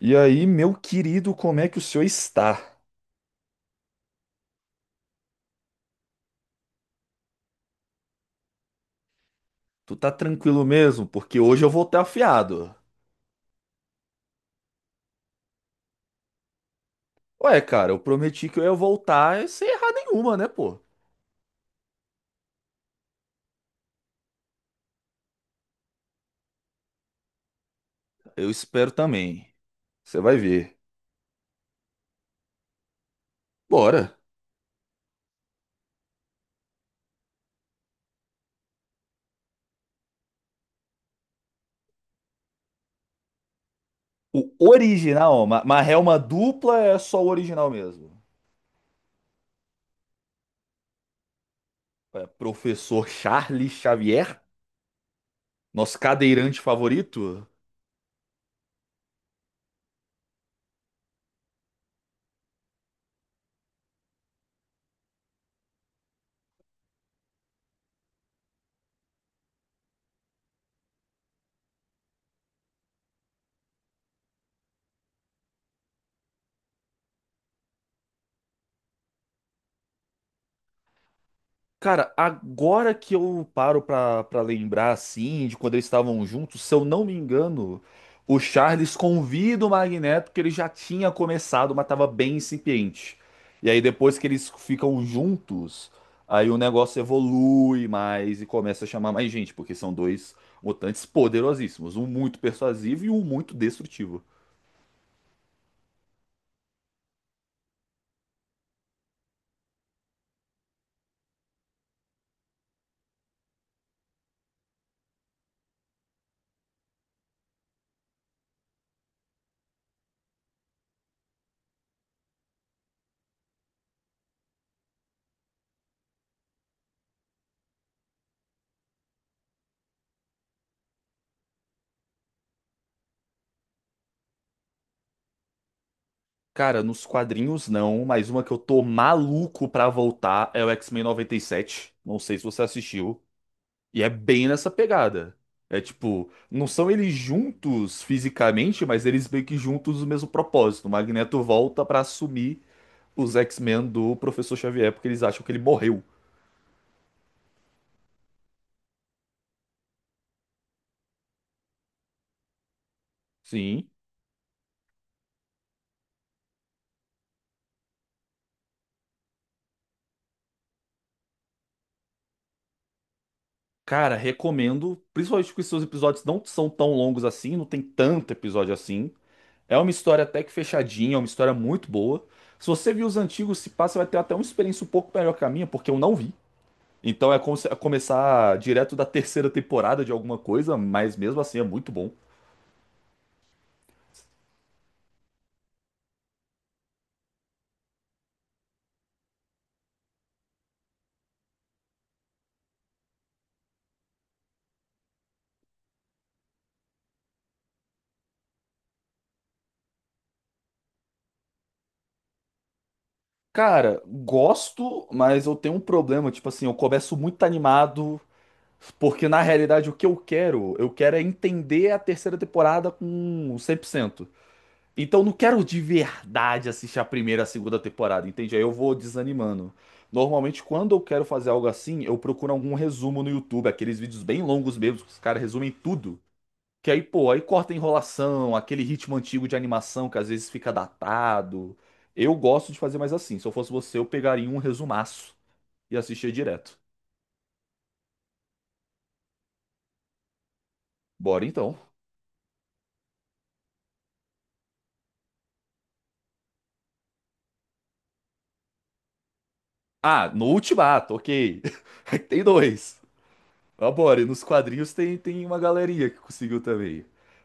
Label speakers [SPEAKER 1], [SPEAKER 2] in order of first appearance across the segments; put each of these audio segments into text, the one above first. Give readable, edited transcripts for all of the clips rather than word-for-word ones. [SPEAKER 1] E aí, meu querido, como é que o senhor está? Tu tá tranquilo mesmo? Porque hoje eu voltei afiado. Ué, cara, eu prometi que eu ia voltar sem errar nenhuma, né, pô? Eu espero também. Você vai ver. Bora. O original, ó, mas é uma dupla, é só o original mesmo. É, professor Charles Xavier, nosso cadeirante favorito. Cara, agora que eu paro pra lembrar, assim, de quando eles estavam juntos, se eu não me engano, o Charles convida o Magneto, que ele já tinha começado, mas tava bem incipiente. E aí depois que eles ficam juntos, aí o negócio evolui mais e começa a chamar mais gente, porque são dois mutantes poderosíssimos, um muito persuasivo e um muito destrutivo. Cara, nos quadrinhos não, mas uma que eu tô maluco pra voltar é o X-Men 97. Não sei se você assistiu. E é bem nessa pegada. É tipo, não são eles juntos fisicamente, mas eles meio que juntos o mesmo propósito. O Magneto volta pra assumir os X-Men do Professor Xavier, porque eles acham que ele morreu. Sim. Cara, recomendo, principalmente porque seus episódios não são tão longos assim, não tem tanto episódio assim. É uma história até que fechadinha, é uma história muito boa. Se você viu os antigos, se passa, vai ter até uma experiência um pouco melhor que a minha, porque eu não vi. Então é como se- é começar direto da terceira temporada de alguma coisa, mas mesmo assim é muito bom. Cara, gosto, mas eu tenho um problema. Tipo assim, eu começo muito animado, porque na realidade o que eu quero é entender a terceira temporada com 100%. Então eu não quero de verdade assistir a primeira, a segunda temporada, entende? Aí eu vou desanimando. Normalmente, quando eu quero fazer algo assim, eu procuro algum resumo no YouTube, aqueles vídeos bem longos mesmo, que os caras resumem tudo. Que aí, pô, aí corta a enrolação, aquele ritmo antigo de animação que às vezes fica datado. Eu gosto de fazer mais assim. Se eu fosse você, eu pegaria um resumaço e assistia direto. Bora então. Ah, no Ultimato, ok. Tem dois. Mas bora, e nos quadrinhos tem uma galeria que conseguiu também.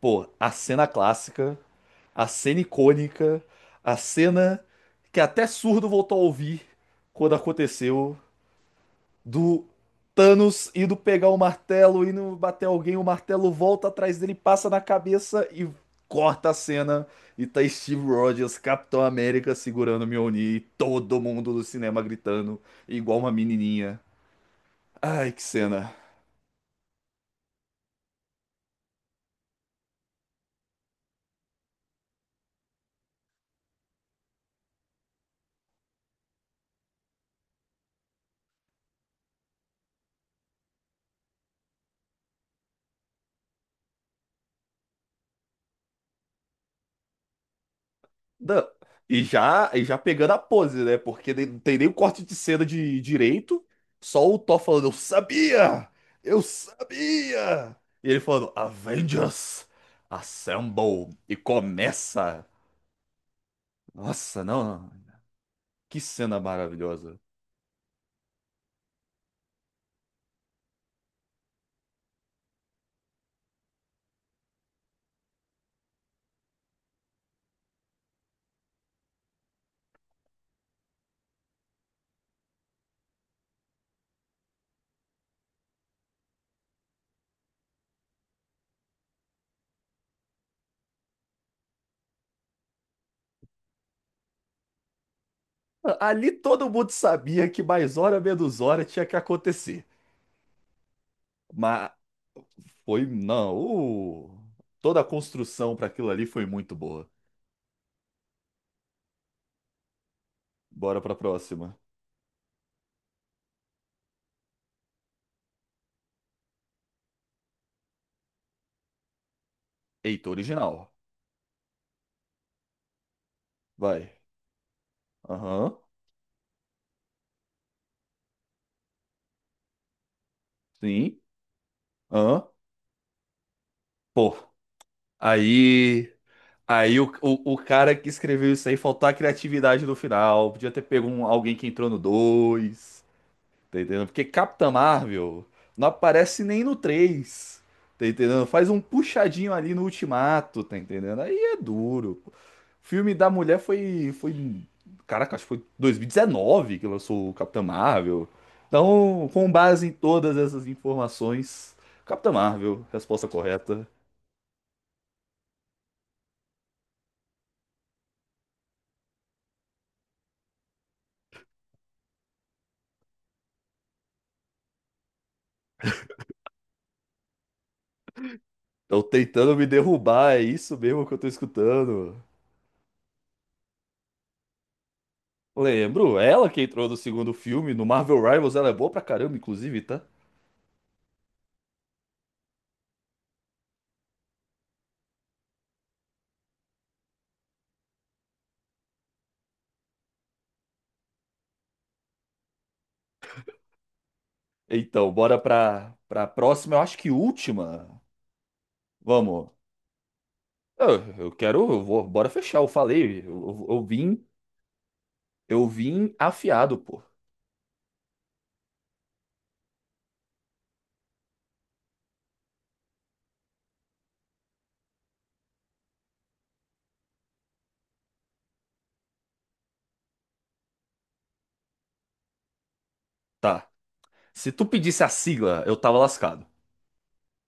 [SPEAKER 1] Pô, a cena clássica, a cena icônica, a cena que até surdo voltou a ouvir quando aconteceu, do Thanos indo pegar o martelo, indo bater alguém, o martelo volta atrás dele, passa na cabeça e corta a cena. E tá Steve Rogers, Capitão América, segurando o Mjolnir e todo mundo do cinema gritando, igual uma menininha. Ai, que cena. Não. E já pegando a pose, né? Porque não tem nem o corte de cena de direito, só o Thor falando, eu sabia! Eu sabia! E ele falando, Avengers, assemble! E começa! Nossa, não, que cena maravilhosa. Ali todo mundo sabia que mais hora menos hora tinha que acontecer. Mas foi, não, toda a construção para aquilo ali foi muito boa. Bora pra próxima. Eita, original. Vai. Aham, sim. Aham. Pô, aí. Aí o cara que escreveu isso aí faltou a criatividade no final. Podia ter pego alguém que entrou no 2. Tá entendendo? Porque Capitã Marvel não aparece nem no 3. Tá entendendo? Faz um puxadinho ali no Ultimato, tá entendendo? Aí é duro, pô. O filme da mulher foi. Caraca, acho que foi 2019 que lançou o Capitã Marvel. Então, com base em todas essas informações, Capitã Marvel, resposta correta. Estão tentando me derrubar, é isso mesmo que eu tô escutando. Lembro, ela que entrou no segundo filme, no Marvel Rivals, ela é boa pra caramba, inclusive, tá? Então, bora pra próxima. Eu acho que última. Vamos. Eu quero. Eu vou, bora fechar. Eu falei. Eu vim. Eu vim afiado, pô. Tá. Se tu pedisse a sigla, eu tava lascado.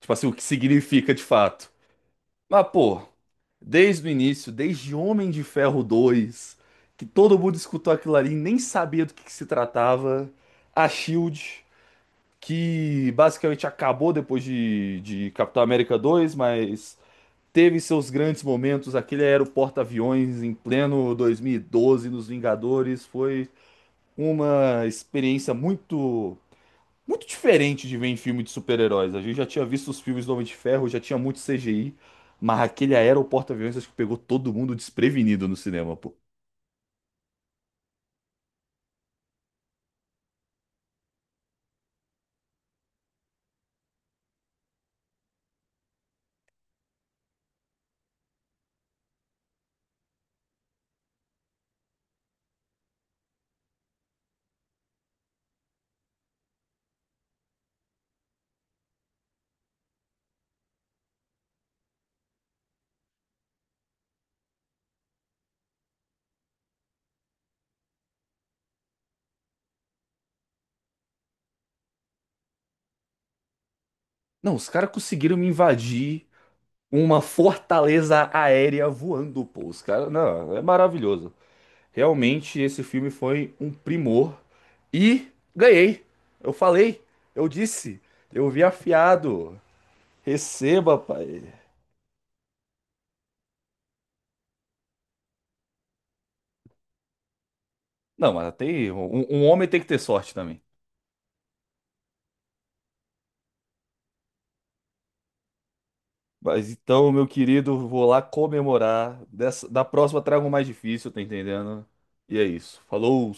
[SPEAKER 1] Tipo assim, o que significa de fato. Mas, pô, desde o início, desde Homem de Ferro 2, que todo mundo escutou aquilo ali, e nem sabia do que se tratava. A Shield, que basicamente acabou depois de Capitão América 2, mas teve seus grandes momentos. Aquele era o porta-aviões em pleno 2012 nos Vingadores. Foi uma experiência muito muito diferente de ver em filme de super-heróis. A gente já tinha visto os filmes do Homem de Ferro, já tinha muito CGI, mas aquele era o porta-aviões acho que pegou todo mundo desprevenido no cinema, pô. Não, os caras conseguiram me invadir uma fortaleza aérea voando, pô. Os caras, não, é maravilhoso. Realmente esse filme foi um primor e ganhei. Eu falei, eu disse, eu vi afiado. Receba, pai. Não, mas tem um homem tem que ter sorte também. Mas então, meu querido, vou lá comemorar. Dessa, da próxima trago um mais difícil, tá entendendo? E é isso. Falou!